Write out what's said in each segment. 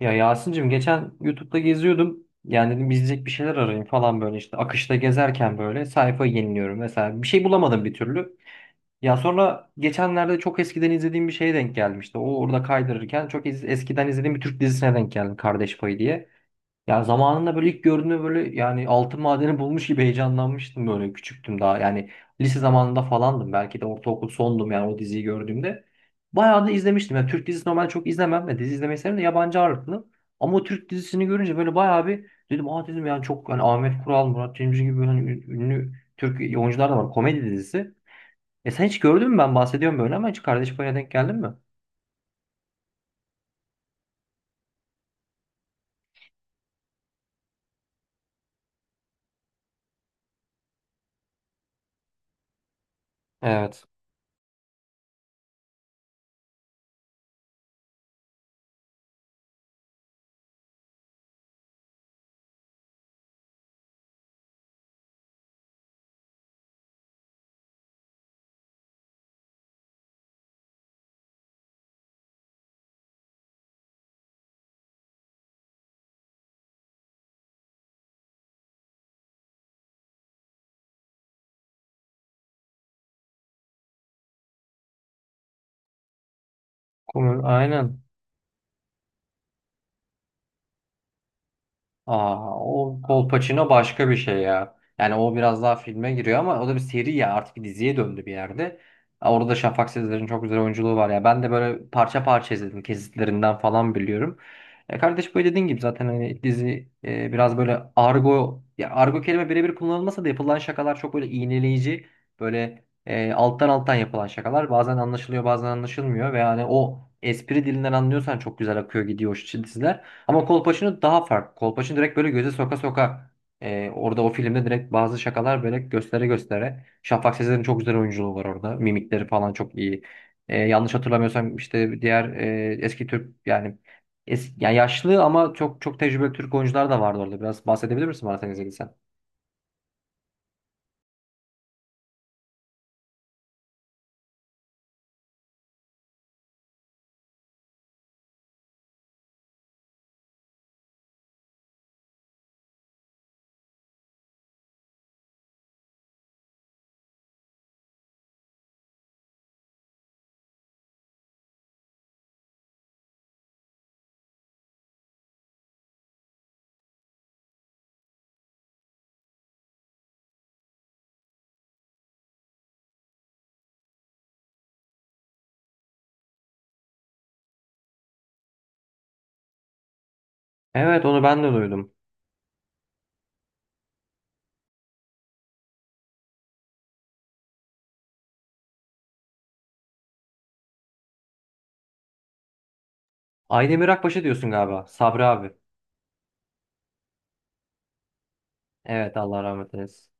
Ya Yasin'cim geçen YouTube'da geziyordum. Yani dedim izleyecek bir şeyler arayayım falan böyle işte akışta gezerken böyle sayfayı yeniliyorum mesela. Bir şey bulamadım bir türlü. Ya sonra geçenlerde çok eskiden izlediğim bir şeye denk gelmişti. O orada kaydırırken eskiden izlediğim bir Türk dizisine denk geldim, Kardeş Payı diye. Yani zamanında böyle ilk gördüğümde böyle yani altın madeni bulmuş gibi heyecanlanmıştım, böyle küçüktüm daha. Yani lise zamanında falandım, belki de ortaokul sondum yani o diziyi gördüğümde. Bayağı da izlemiştim. Yani Türk dizisi normalde çok izlemem. Yani dizi izlemeyi severim de yabancı ağırlıklı. Ama o Türk dizisini görünce böyle bayağı bir dedim, aa dedim, yani çok yani Ahmet Kural, Murat Cemcir gibi böyle hani ünlü Türk oyuncular da var. Komedi dizisi. E sen hiç gördün mü, ben bahsediyorum böyle ama, hiç Kardeş Payı'na denk geldin mi? Evet. Komedi, aynen. Aa, o Kolpaçino başka bir şey ya. Yani o biraz daha filme giriyor ama o da bir seri, ya artık bir diziye döndü bir yerde. Aa, orada da Şafak Sezer'in çok güzel oyunculuğu var ya. Ben de böyle parça parça izledim, kesitlerinden falan biliyorum. E kardeş böyle dediğin gibi zaten hani dizi biraz böyle argo, ya argo kelime birebir kullanılmasa da yapılan şakalar çok böyle iğneleyici, böyle alttan alttan yapılan şakalar bazen anlaşılıyor bazen anlaşılmıyor ve yani o espri dilinden anlıyorsan çok güzel akıyor gidiyor o diziler. Ama Kolpaçino daha farklı. Kolpaçino direkt böyle göze soka soka, orada o filmde direkt bazı şakalar böyle göstere göstere. Şafak Sezer'in çok güzel oyunculuğu var orada. Mimikleri falan çok iyi. Yanlış hatırlamıyorsam işte diğer eski Türk yani yani yaşlı ama çok tecrübeli Türk oyuncular da vardı orada. Biraz bahsedebilir misin bana, sen izlediysen? Evet, onu ben de duydum. Aydemir Akbaş'ı diyorsun galiba. Sabri abi. Evet, Allah rahmet eylesin.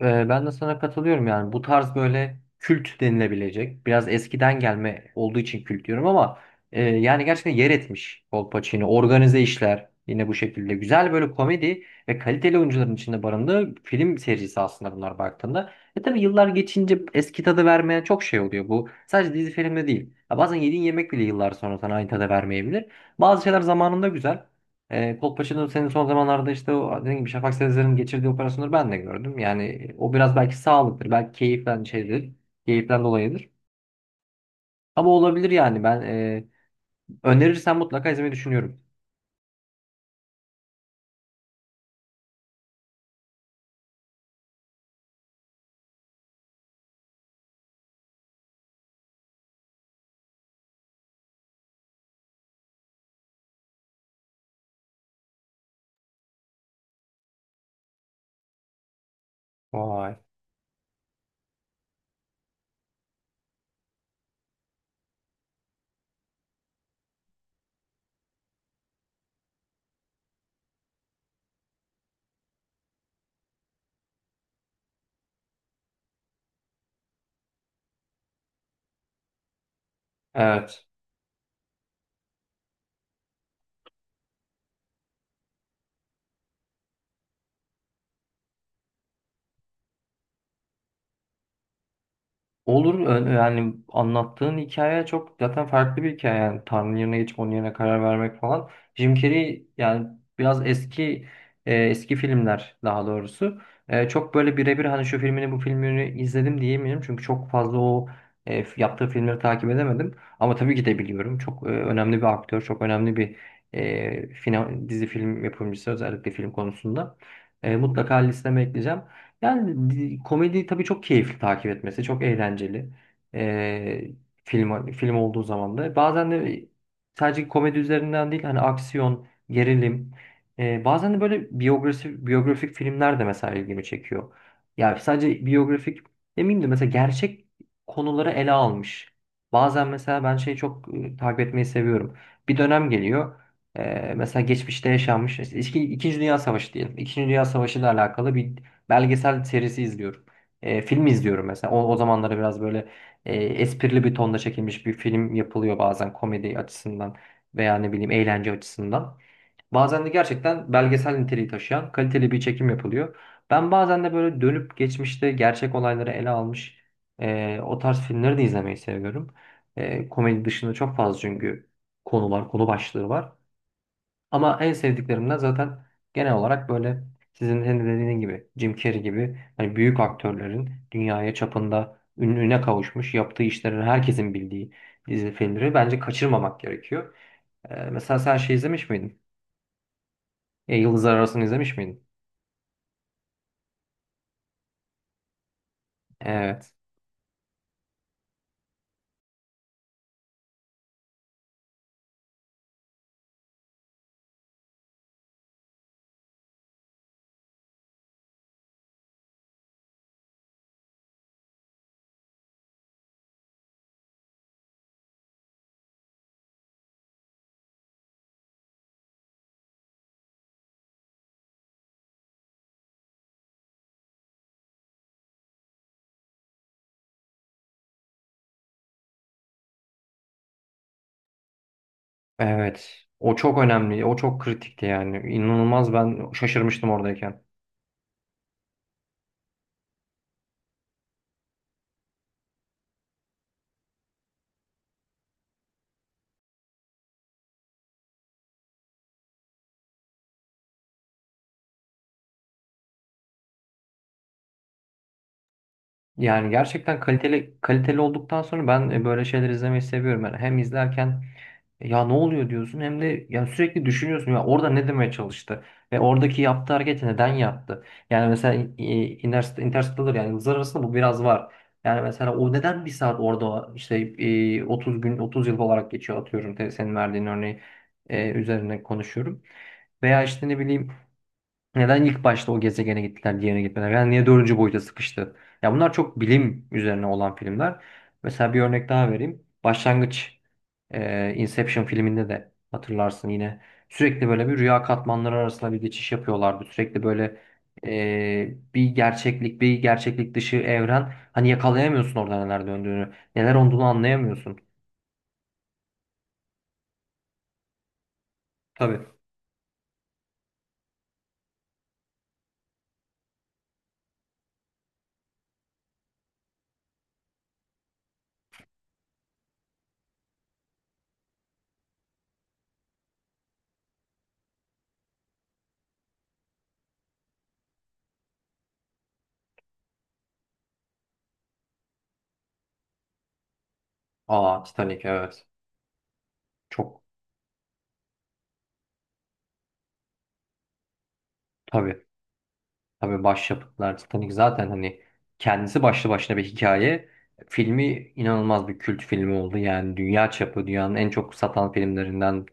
Ben de sana katılıyorum, yani bu tarz böyle kült denilebilecek, biraz eskiden gelme olduğu için kült diyorum ama yani gerçekten yer etmiş. Kolpaçino, organize işler, yine bu şekilde güzel böyle komedi ve kaliteli oyuncuların içinde barındığı film serisi aslında bunlar baktığında. E tabi yıllar geçince eski tadı vermeye çok şey oluyor, bu sadece dizi filmde değil ya, bazen yediğin yemek bile yıllar sonra sana aynı tadı vermeyebilir, bazı şeyler zamanında güzel. Kolpaçino'nun, senin son zamanlarda işte o dediğim gibi Şafak Sezer'in geçirdiği operasyonları ben de gördüm. Yani o biraz belki sağlıktır, belki keyiften şeydir, keyiften dolayıdır. Ama olabilir yani, ben önerirsen mutlaka izlemeyi düşünüyorum. Vay. Evet. Olur. Yani anlattığın hikaye çok zaten farklı bir hikaye, yani Tanrı'nın yerine geçip onun yerine karar vermek falan. Jim Carrey yani biraz eski, eski filmler daha doğrusu. E, çok böyle birebir hani şu filmini bu filmini izledim diyemiyorum çünkü çok fazla o yaptığı filmleri takip edemedim. Ama tabii ki de biliyorum, çok önemli bir aktör, çok önemli bir dizi film yapımcısı, özellikle film konusunda. E, mutlaka listeme ekleyeceğim. Komedi tabii çok keyifli takip etmesi, çok eğlenceli. Ee, Film film olduğu zaman da bazen de sadece komedi üzerinden değil, hani aksiyon, gerilim, bazen de böyle biyografi, biyografik filmler de mesela ilgimi çekiyor. Yani sadece biyografik demeyeyim de, mesela gerçek konuları ele almış. Bazen mesela ben şeyi çok takip etmeyi seviyorum. Bir dönem geliyor. Mesela geçmişte yaşanmış, işte İkinci Dünya Savaşı diyelim. İkinci Dünya Savaşı ile alakalı bir belgesel serisi izliyorum. E, film izliyorum mesela. O, o zamanlara biraz böyle esprili bir tonda çekilmiş bir film yapılıyor bazen komedi açısından veya ne bileyim eğlence açısından. Bazen de gerçekten belgesel niteliği taşıyan kaliteli bir çekim yapılıyor. Ben bazen de böyle dönüp geçmişte gerçek olayları ele almış o tarz filmleri de izlemeyi seviyorum. E, komedi dışında çok fazla çünkü konular, konu başlığı var. Ama en sevdiklerimden zaten, genel olarak böyle sizin, senin de dediğin gibi Jim Carrey gibi hani büyük aktörlerin dünyaya çapında ününe kavuşmuş yaptığı işlerin herkesin bildiği dizi filmleri bence kaçırmamak gerekiyor. Mesela sen şey izlemiş miydin? E, Yıldızlar Arası'nı izlemiş miydin? Evet. Evet. O çok önemli. O çok kritikti yani. İnanılmaz, ben şaşırmıştım oradayken. Yani gerçekten kaliteli, kaliteli olduktan sonra ben böyle şeyler izlemeyi seviyorum. Yani hem izlerken "E, ya ne oluyor?" diyorsun, hem de ya sürekli düşünüyorsun ya orada ne demeye çalıştı ve oradaki yaptığı hareketi neden yaptı? Yani mesela Interstellar, yani yıldızlar arasında, bu biraz var. Yani mesela o neden bir saat orada işte 30 gün 30 yıl olarak geçiyor, atıyorum, senin verdiğin örneği üzerine konuşuyorum. Veya işte ne bileyim, neden ilk başta o gezegene gittiler, diğerine gitmediler? Yani niye dördüncü boyuta sıkıştı? Ya bunlar çok bilim üzerine olan filmler. Mesela bir örnek daha vereyim. Başlangıç, Inception filminde de hatırlarsın yine. Sürekli böyle bir rüya katmanları arasında bir geçiş yapıyorlardı. Sürekli böyle bir gerçeklik, bir gerçeklik dışı evren. Hani yakalayamıyorsun orada neler döndüğünü. Neler olduğunu anlayamıyorsun. Tabii. Aa, Titanic, evet. Çok tabii. Tabii başyapıtlar. Titanic zaten hani kendisi başlı başına bir hikaye. Filmi inanılmaz bir kült filmi oldu. Yani dünya çapı, dünyanın en çok satan filmlerinden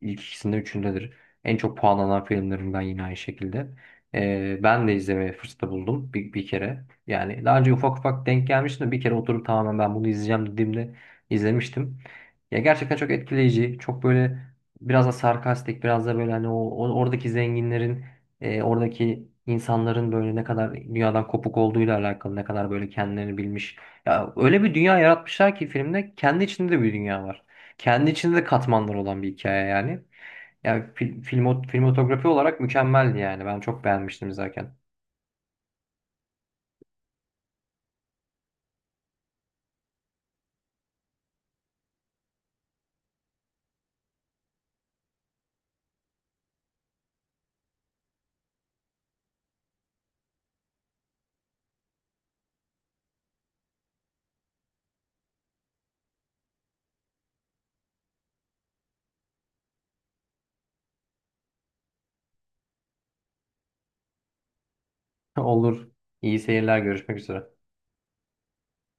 ilk ikisinde üçündedir. En çok puanlanan filmlerinden yine aynı şekilde. Ben de izlemeye fırsatı buldum bir, bir kere. Yani daha önce ufak ufak denk gelmiştim de, bir kere oturup tamamen ben bunu izleyeceğim dediğimde izlemiştim. Ya gerçekten çok etkileyici. Çok böyle biraz da sarkastik, biraz da böyle hani oradaki zenginlerin, oradaki insanların böyle ne kadar dünyadan kopuk olduğuyla alakalı, ne kadar böyle kendilerini bilmiş. Ya öyle bir dünya yaratmışlar ki filmde kendi içinde de bir dünya var. Kendi içinde de katmanlar olan bir hikaye yani. Filmotografi olarak mükemmeldi yani. Ben çok beğenmiştim izlerken. Olur. İyi seyirler. Görüşmek üzere.